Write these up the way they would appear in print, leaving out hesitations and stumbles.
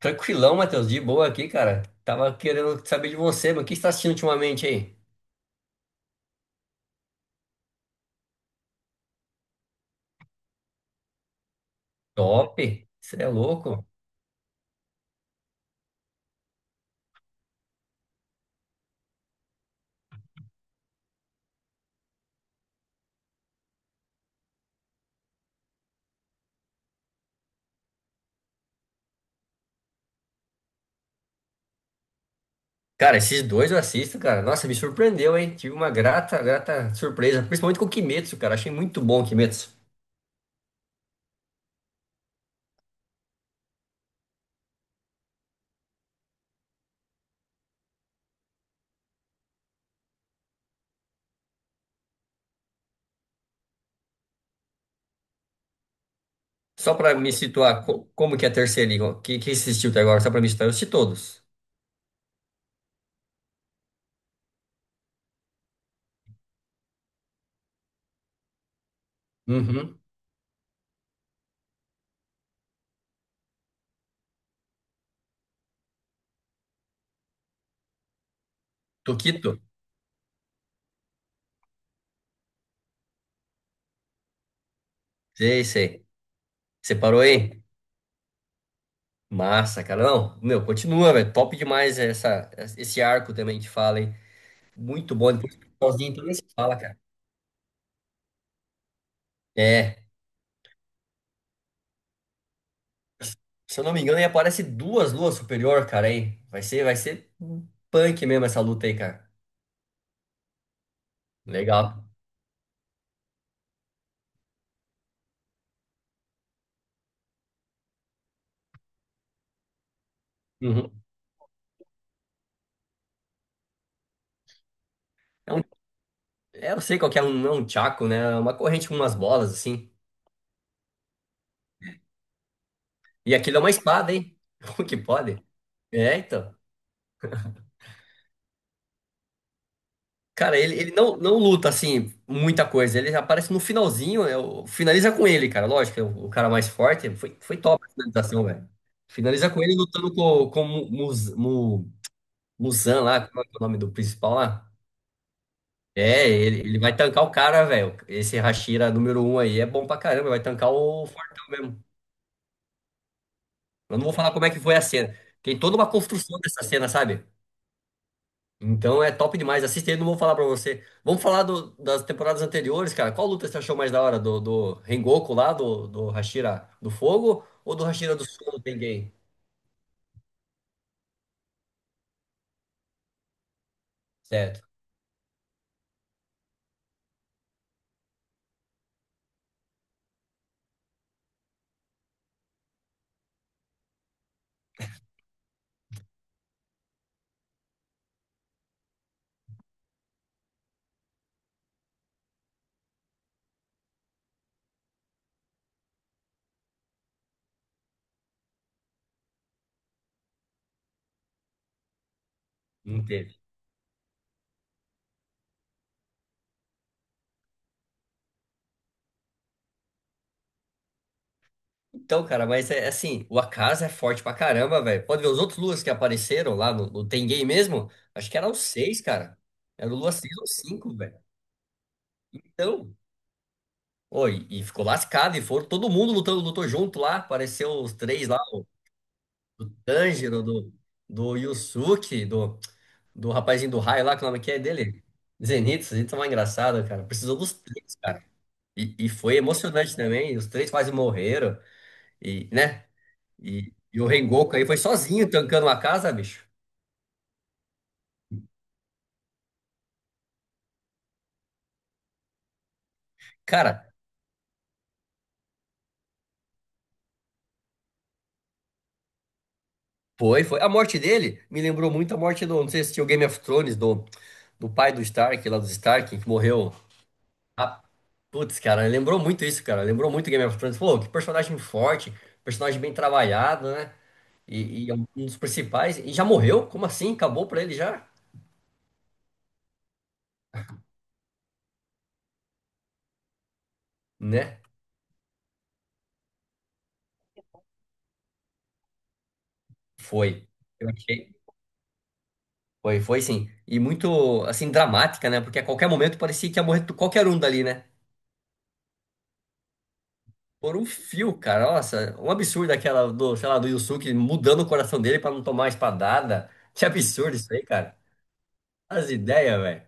Tranquilão, Matheus, de boa aqui, cara. Tava querendo saber de você, mas o que você tá assistindo ultimamente aí? Top! Você é louco? Cara, esses dois eu assisto, cara. Nossa, me surpreendeu, hein? Tive uma grata, grata surpresa, principalmente com o Kimetsu, cara. Achei muito bom o Kimetsu. Só pra me situar, como que é a terceira liga? Que você assistiu até agora? Só pra me situar, eu assisti todos. Uhum. Tokito? Sei, sei. Você parou aí? Massa, cara. Não, meu, continua, velho. Top demais essa, esse arco também que fala, hein? Muito bom. Depois sozinho, então nem se fala, cara. É, se eu não me engano, aí aparece duas luas superior, cara, hein? Vai ser punk mesmo essa luta aí, cara. Legal. Uhum. É um, é, eu sei qual que é, é um chaco, né? É uma corrente com umas bolas, assim. E aquilo é uma espada, hein? Como que pode? É, então. Cara, ele não, não luta, assim, muita coisa. Ele aparece no finalzinho, finaliza com ele, cara. Lógico, é o cara mais forte. Foi top a finalização, velho. Finaliza com ele lutando com o Muzan lá, como é que é o nome do principal lá? É, ele vai tancar o cara, velho. Esse Hashira número um aí é bom pra caramba, vai tancar o Fortão mesmo. Eu não vou falar como é que foi a cena. Tem toda uma construção dessa cena, sabe? Então é top demais. Assista aí, não vou falar pra você. Vamos falar das temporadas anteriores, cara. Qual luta você achou mais da hora? Do Rengoku lá, do Hashira do Fogo ou do Hashira do Sol do Tengen? Certo. Não teve. Então, cara, mas é assim, o Akaza é forte pra caramba, velho. Pode ver os outros Luas que apareceram lá no Tengen mesmo. Acho que eram seis, cara. Era o Lua 6 ou 5, velho. Então, ó, e ficou lascado, e foram todo mundo lutando, lutou junto lá. Apareceu os três lá, o, do Tanjiro, do Yusuke, do rapazinho do raio lá, que o nome que é dele? Zenitsu, Zenitsu é mais engraçado, cara. Precisou dos três, cara. E foi emocionante também, os três quase morreram, e, né? E o Rengoku aí foi sozinho tancando uma casa, bicho. Cara, foi. A morte dele me lembrou muito a morte do. Não sei se tinha o Game of Thrones, do, do pai do Stark, lá dos Stark, que morreu. Ah, putz, cara, lembrou muito isso, cara. Lembrou muito Game of Thrones. Pô, que personagem forte, personagem bem trabalhado, né? E é um dos principais. E já morreu? Como assim? Acabou pra ele já? Né? Foi. Eu achei. Foi sim. E muito, assim, dramática, né? Porque a qualquer momento parecia que ia morrer qualquer um dali, né? Por um fio, cara. Nossa, um absurdo aquela do, sei lá, do Yusuke mudando o coração dele pra não tomar espadada. Que absurdo isso aí, cara. As ideias, velho.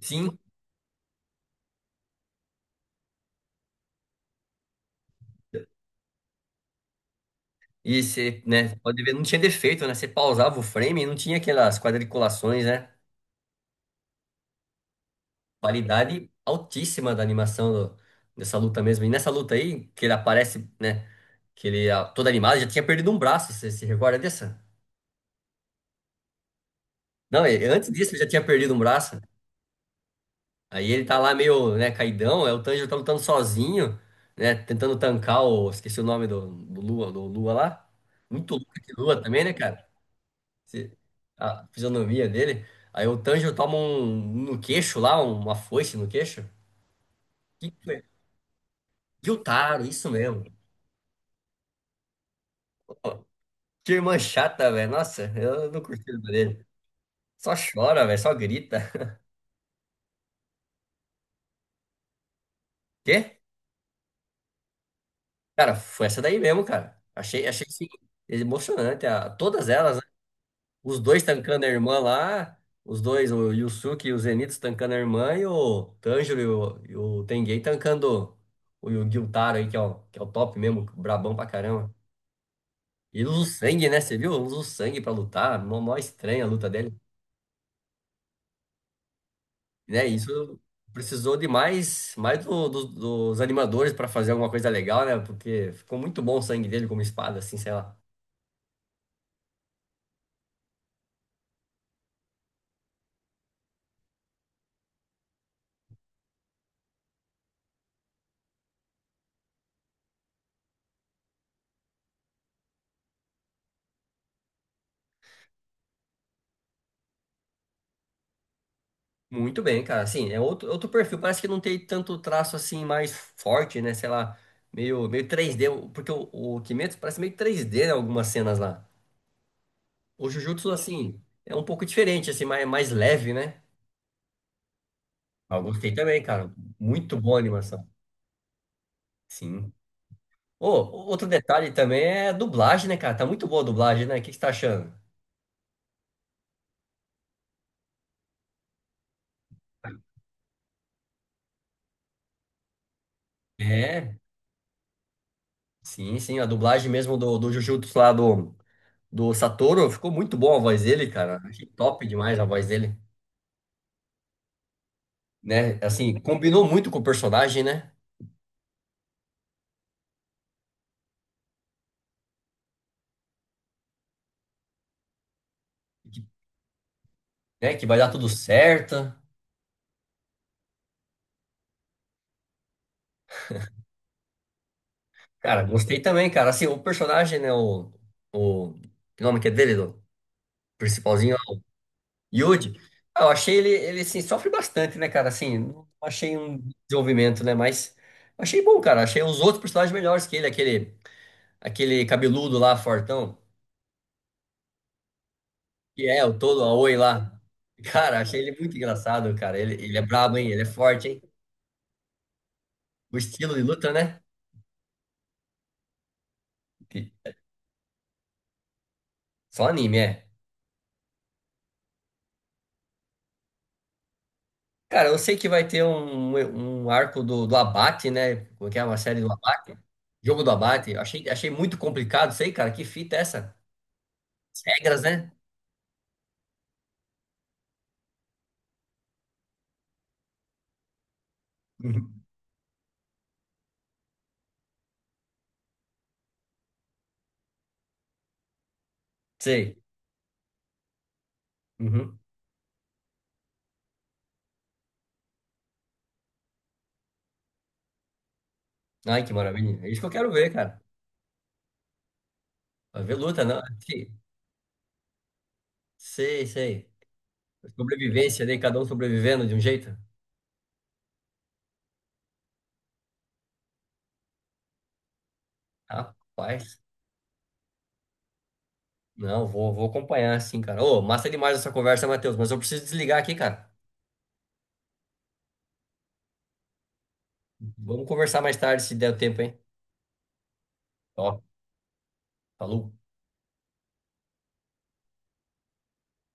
Sim. E você, né, pode ver, não tinha defeito, né? Você pausava o frame e não tinha aquelas quadriculações, né? Qualidade altíssima da animação dessa luta mesmo. E nessa luta aí, que ele aparece, né? Que ele, ah, todo animado, já tinha perdido um braço. Você se recorda dessa? Não, antes disso ele já tinha perdido um braço. Aí ele tá lá meio, né, caidão, aí o Tanjiro tá lutando sozinho, né, tentando tancar o... Esqueci o nome do, do Lua lá. Muito louco que Lua também, né, cara? Se- A fisionomia dele. Aí o Tanjiro toma um no queixo lá, uma foice no queixo. Que foi? Gyutaro, isso mesmo. Pô, que irmã chata, velho. Nossa, eu não curti o dele. Só chora, velho, só grita. Quê? Cara, foi essa daí mesmo, cara. Achei, achei assim, emocionante. Todas elas. Os dois tancando a irmã lá, os dois, o Yusuke e o Zenitsu tancando a irmã e o Tanjiro e o Tenguei tancando o Gyutaro aí, que é o top mesmo, brabão pra caramba. E usa o sangue, né? Você viu? Usa o sangue pra lutar, mó, mó estranha a luta dele. Né? Isso precisou de mais, mais dos animadores pra fazer alguma coisa legal, né? Porque ficou muito bom o sangue dele como espada, assim, sei lá. Muito bem, cara. Assim, é outro, outro perfil. Parece que não tem tanto traço assim mais forte, né? Sei lá, meio, meio 3D. Porque o Kimetsu parece meio 3D em algumas cenas lá. O Jujutsu, assim, é um pouco diferente, assim, mais, mais leve, né? Ah, eu gostei também, cara. Muito boa a animação. Sim. Ô, outro detalhe também é a dublagem, né, cara? Tá muito boa a dublagem, né? O que que você tá achando? É, sim, sim. A dublagem mesmo do, do Jujutsu lá do, do Satoru ficou muito boa a voz dele, cara. Achei top demais a voz dele. Né? Assim, combinou muito com o personagem, né? Que, né, que vai dar tudo certo. Cara, gostei também, cara. Assim, o personagem, né? O que nome que é dele, do principalzinho, o Yuji. Ah, eu achei ele assim, sofre bastante, né, cara? Assim, não achei um desenvolvimento, né? Mas achei bom, cara. Achei os outros personagens melhores que ele, aquele, aquele cabeludo lá, fortão, que é o todo Aoi lá. Cara, achei ele muito engraçado, cara. Ele é brabo, hein? Ele é forte, hein? O estilo de luta, né? Que- Só anime, é. Cara, eu sei que vai ter um, um arco do Abate, né? Como é que é? Uma série do Abate? Jogo do Abate. Eu achei, achei muito complicado, sei, cara. Que fita é essa? As regras, né? Uhum. Sei. Uhum. Ai, que maravilha. É isso que eu quero ver, cara. Vai ver luta, não? Aqui. Sei, sei. Sobrevivência, né? Cada um sobrevivendo de um jeito. Rapaz. Não, vou acompanhar, sim, cara. Ô, massa demais essa conversa, Matheus. Mas eu preciso desligar aqui, cara. Vamos conversar mais tarde, se der tempo, hein? Ó, falou.